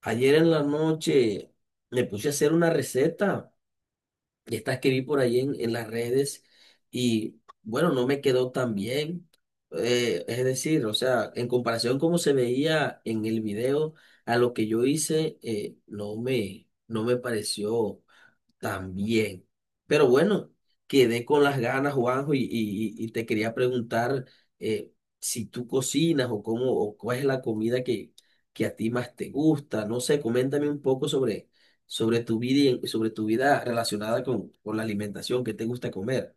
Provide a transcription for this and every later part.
Ayer en la noche me puse a hacer una receta, y estas que vi por ahí en las redes, y bueno, no me quedó tan bien. Es decir, o sea, en comparación como se veía en el video, a lo que yo hice, no me pareció. También. Pero bueno, quedé con las ganas, Juanjo, y te quería preguntar eh, si tú cocinas o cómo o cuál es la comida que a ti más te gusta. No sé, coméntame un poco sobre tu vida y sobre tu vida relacionada con la alimentación, qué te gusta comer.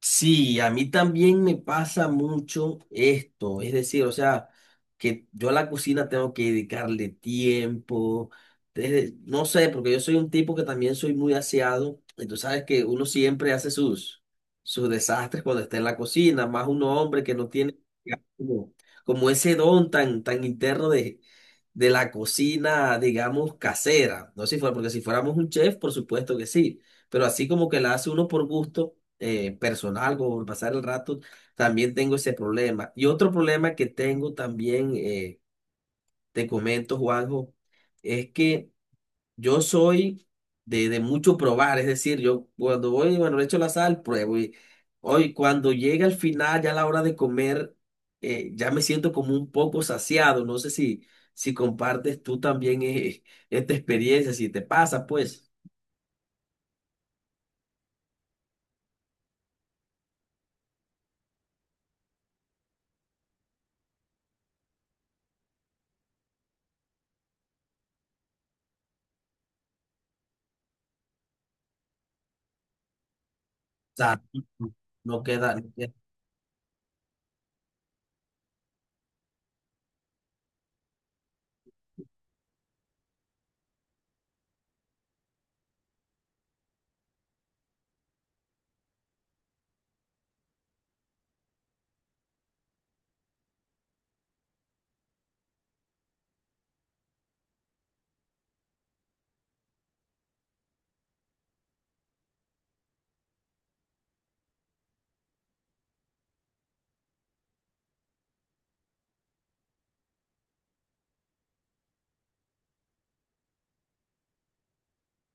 Sí, a mí también me pasa mucho esto, es decir, o sea, que yo a la cocina tengo que dedicarle tiempo, no sé, porque yo soy un tipo que también soy muy aseado, y tú sabes que uno siempre hace sus desastres cuando está en la cocina, más un hombre que no tiene como, como ese don tan, tan interno de la cocina, digamos, casera. No sé si fuera, porque si fuéramos un chef, por supuesto que sí, pero así como que la hace uno por gusto personal, como por pasar el rato, también tengo ese problema. Y otro problema que tengo también, te comento, Juanjo, es que yo soy de mucho probar, es decir, yo cuando voy, bueno, le echo la sal, pruebo y hoy cuando llega al final, ya a la hora de comer, ya me siento como un poco saciado. No sé si compartes tú también esta experiencia, si te pasa, pues, o sea, no queda, no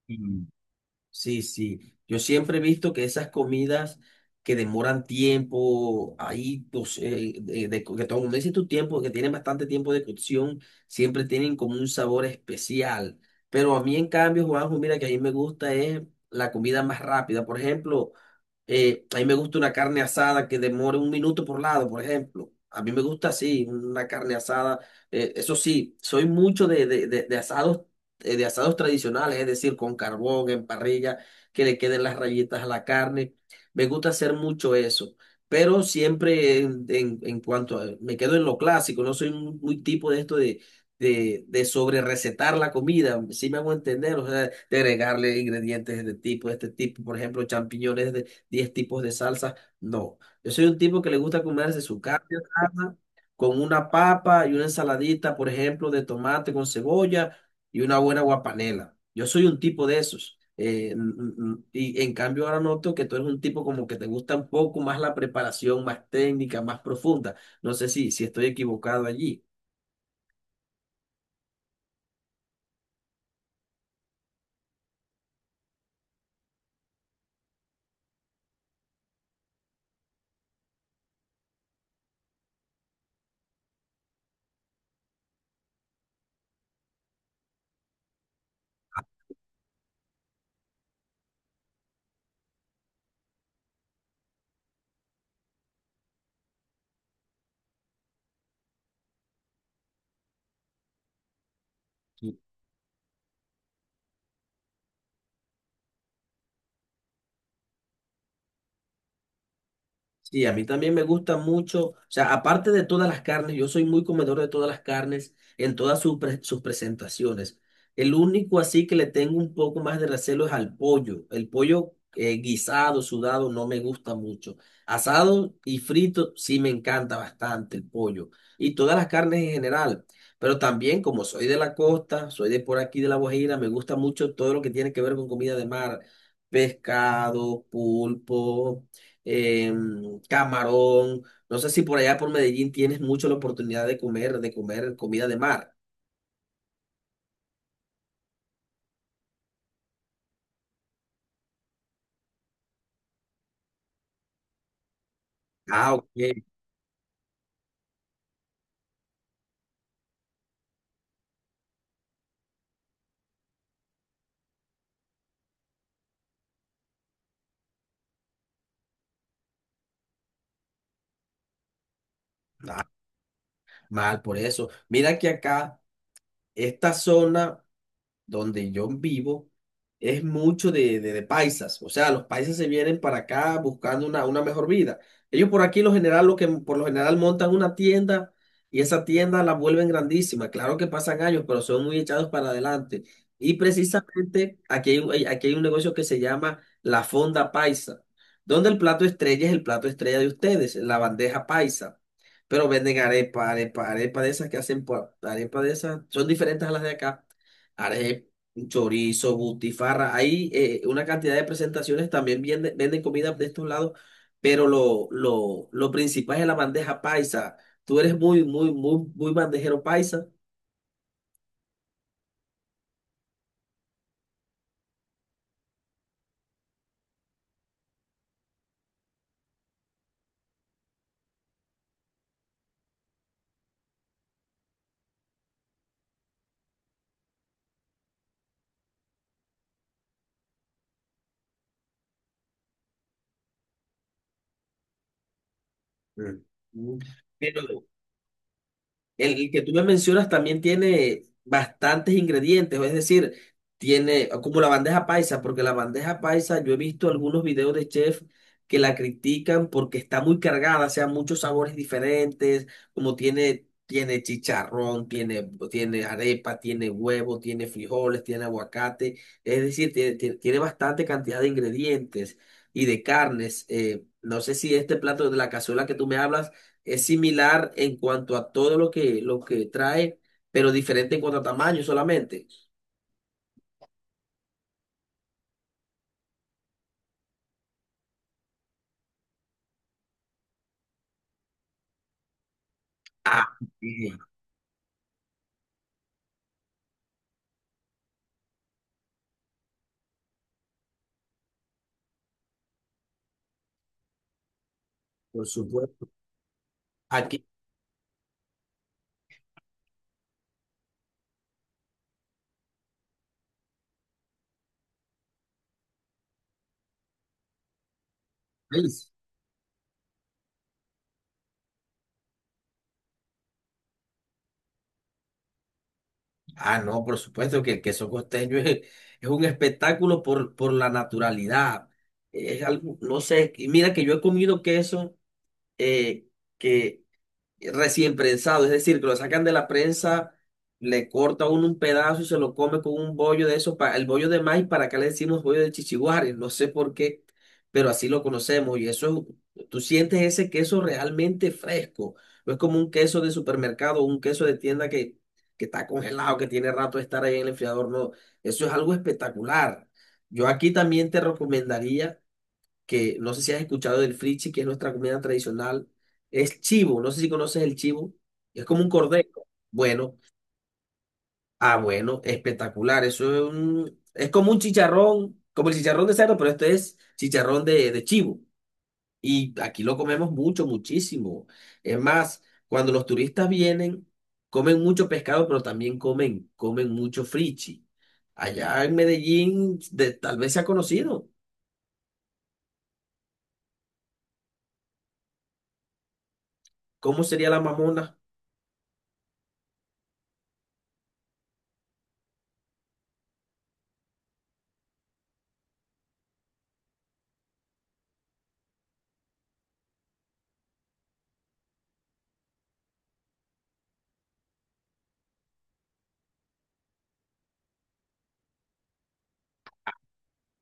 queda. Sí, sí. Yo siempre he visto que esas comidas que demoran tiempo, ahí, pues, de que todo dice tu tiempo, que tienen bastante tiempo de cocción, siempre tienen como un sabor especial. Pero a mí, en cambio, Juanjo, mira que a mí me gusta es la comida más rápida. Por ejemplo, a mí me gusta una carne asada que demore un minuto por lado, por ejemplo. A mí me gusta así, una carne asada. Eso sí, soy mucho de asados, de asados tradicionales, es decir, con carbón, en parrilla, que le queden las rayitas a la carne. Me gusta hacer mucho eso. Pero siempre en cuanto a, me quedo en lo clásico, no soy muy tipo de esto de sobre recetar la comida, si me hago entender, o sea, de agregarle ingredientes de este tipo, por ejemplo, champiñones 10 tipos de salsa. No, yo soy un tipo que le gusta comerse su carne asada con una papa y una ensaladita, por ejemplo, de tomate con cebolla y una buena guapanela. Yo soy un tipo de esos. Y en cambio ahora noto que tú eres un tipo como que te gusta un poco más la preparación, más técnica, más profunda. No sé si estoy equivocado allí. Sí, a mí también me gusta mucho, o sea, aparte de todas las carnes, yo soy muy comedor de todas las carnes en todas sus presentaciones. El único así que le tengo un poco más de recelo es al pollo. El pollo guisado, sudado, no me gusta mucho. Asado y frito sí me encanta bastante el pollo y todas las carnes en general. Pero también como soy de la costa, soy de por aquí de La Guajira, me gusta mucho todo lo que tiene que ver con comida de mar, pescado, pulpo camarón. No sé si por allá por Medellín tienes mucho la oportunidad de comer comida de mar. Ah, ok, mal por eso. Mira que acá, esta zona. Donde yo vivo es mucho de paisas. O sea, los paisas se vienen para acá buscando una mejor vida. Ellos por aquí lo general, lo que por lo general montan una tienda y esa tienda la vuelven grandísima. Claro que pasan años, pero son muy echados para adelante. Y precisamente aquí aquí hay un negocio que se llama la Fonda Paisa, donde el plato estrella es el plato estrella de ustedes, la bandeja paisa. Pero venden arepa, arepa, arepa de esas que hacen, por- arepa de esas, son diferentes a las de acá arepa, chorizo, butifarra. Hay una cantidad de presentaciones, también venden comida de estos lados, pero lo principal es la bandeja paisa. Tú eres muy bandejero paisa. Mm. Mm. Pero, el que tú me mencionas también tiene bastantes ingredientes, es decir, tiene como la bandeja paisa, porque la bandeja paisa yo he visto algunos videos de chef que la critican porque está muy cargada, o sea, muchos sabores diferentes, como tiene, tiene chicharrón, tiene arepa, tiene huevo, tiene frijoles, tiene aguacate, es decir, tiene bastante cantidad de ingredientes y de carnes. No sé si este plato de la cazuela que tú me hablas es similar en cuanto a todo lo que trae, pero diferente en cuanto a tamaño solamente. Ah, bien, por supuesto. Aquí, en el país. Ah, no, por supuesto que el queso costeño es un espectáculo por la naturalidad. Es algo, no sé, y mira que yo he comido queso eh, que recién prensado, es decir, que lo sacan de la prensa, le corta uno un pedazo y se lo come con un bollo de eso, el bollo de maíz, para acá le decimos bollo de chichiguares, no sé por qué, pero así lo conocemos y eso, es- tú sientes ese queso realmente fresco, no es como un queso de supermercado, un queso de tienda que está congelado, que tiene rato de estar ahí en el enfriador, no, eso es algo espectacular. Yo aquí también te recomendaría que no sé si has escuchado del frichi, que es nuestra comida tradicional, es chivo, no sé si conoces el chivo, es como un cordero. Bueno, ah, bueno, espectacular, eso es un- es como un chicharrón, como el chicharrón de cerdo, pero este es chicharrón de chivo. Y aquí lo comemos mucho, muchísimo. Es más, cuando los turistas vienen, comen mucho pescado, pero también comen, comen mucho frichi. Allá en Medellín, de- tal vez se ha conocido. ¿Cómo sería la mamona?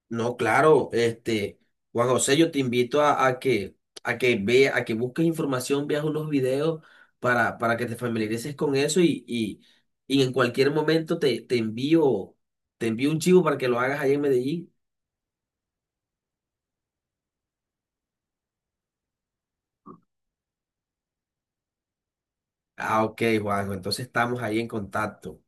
No, claro, este, Juan José, yo te invito a que ve, a que busques información, veas unos videos para que te familiarices con eso y en cualquier momento te envío un chivo para que lo hagas ahí en Medellín. Ah, ok, Juanjo, entonces estamos ahí en contacto.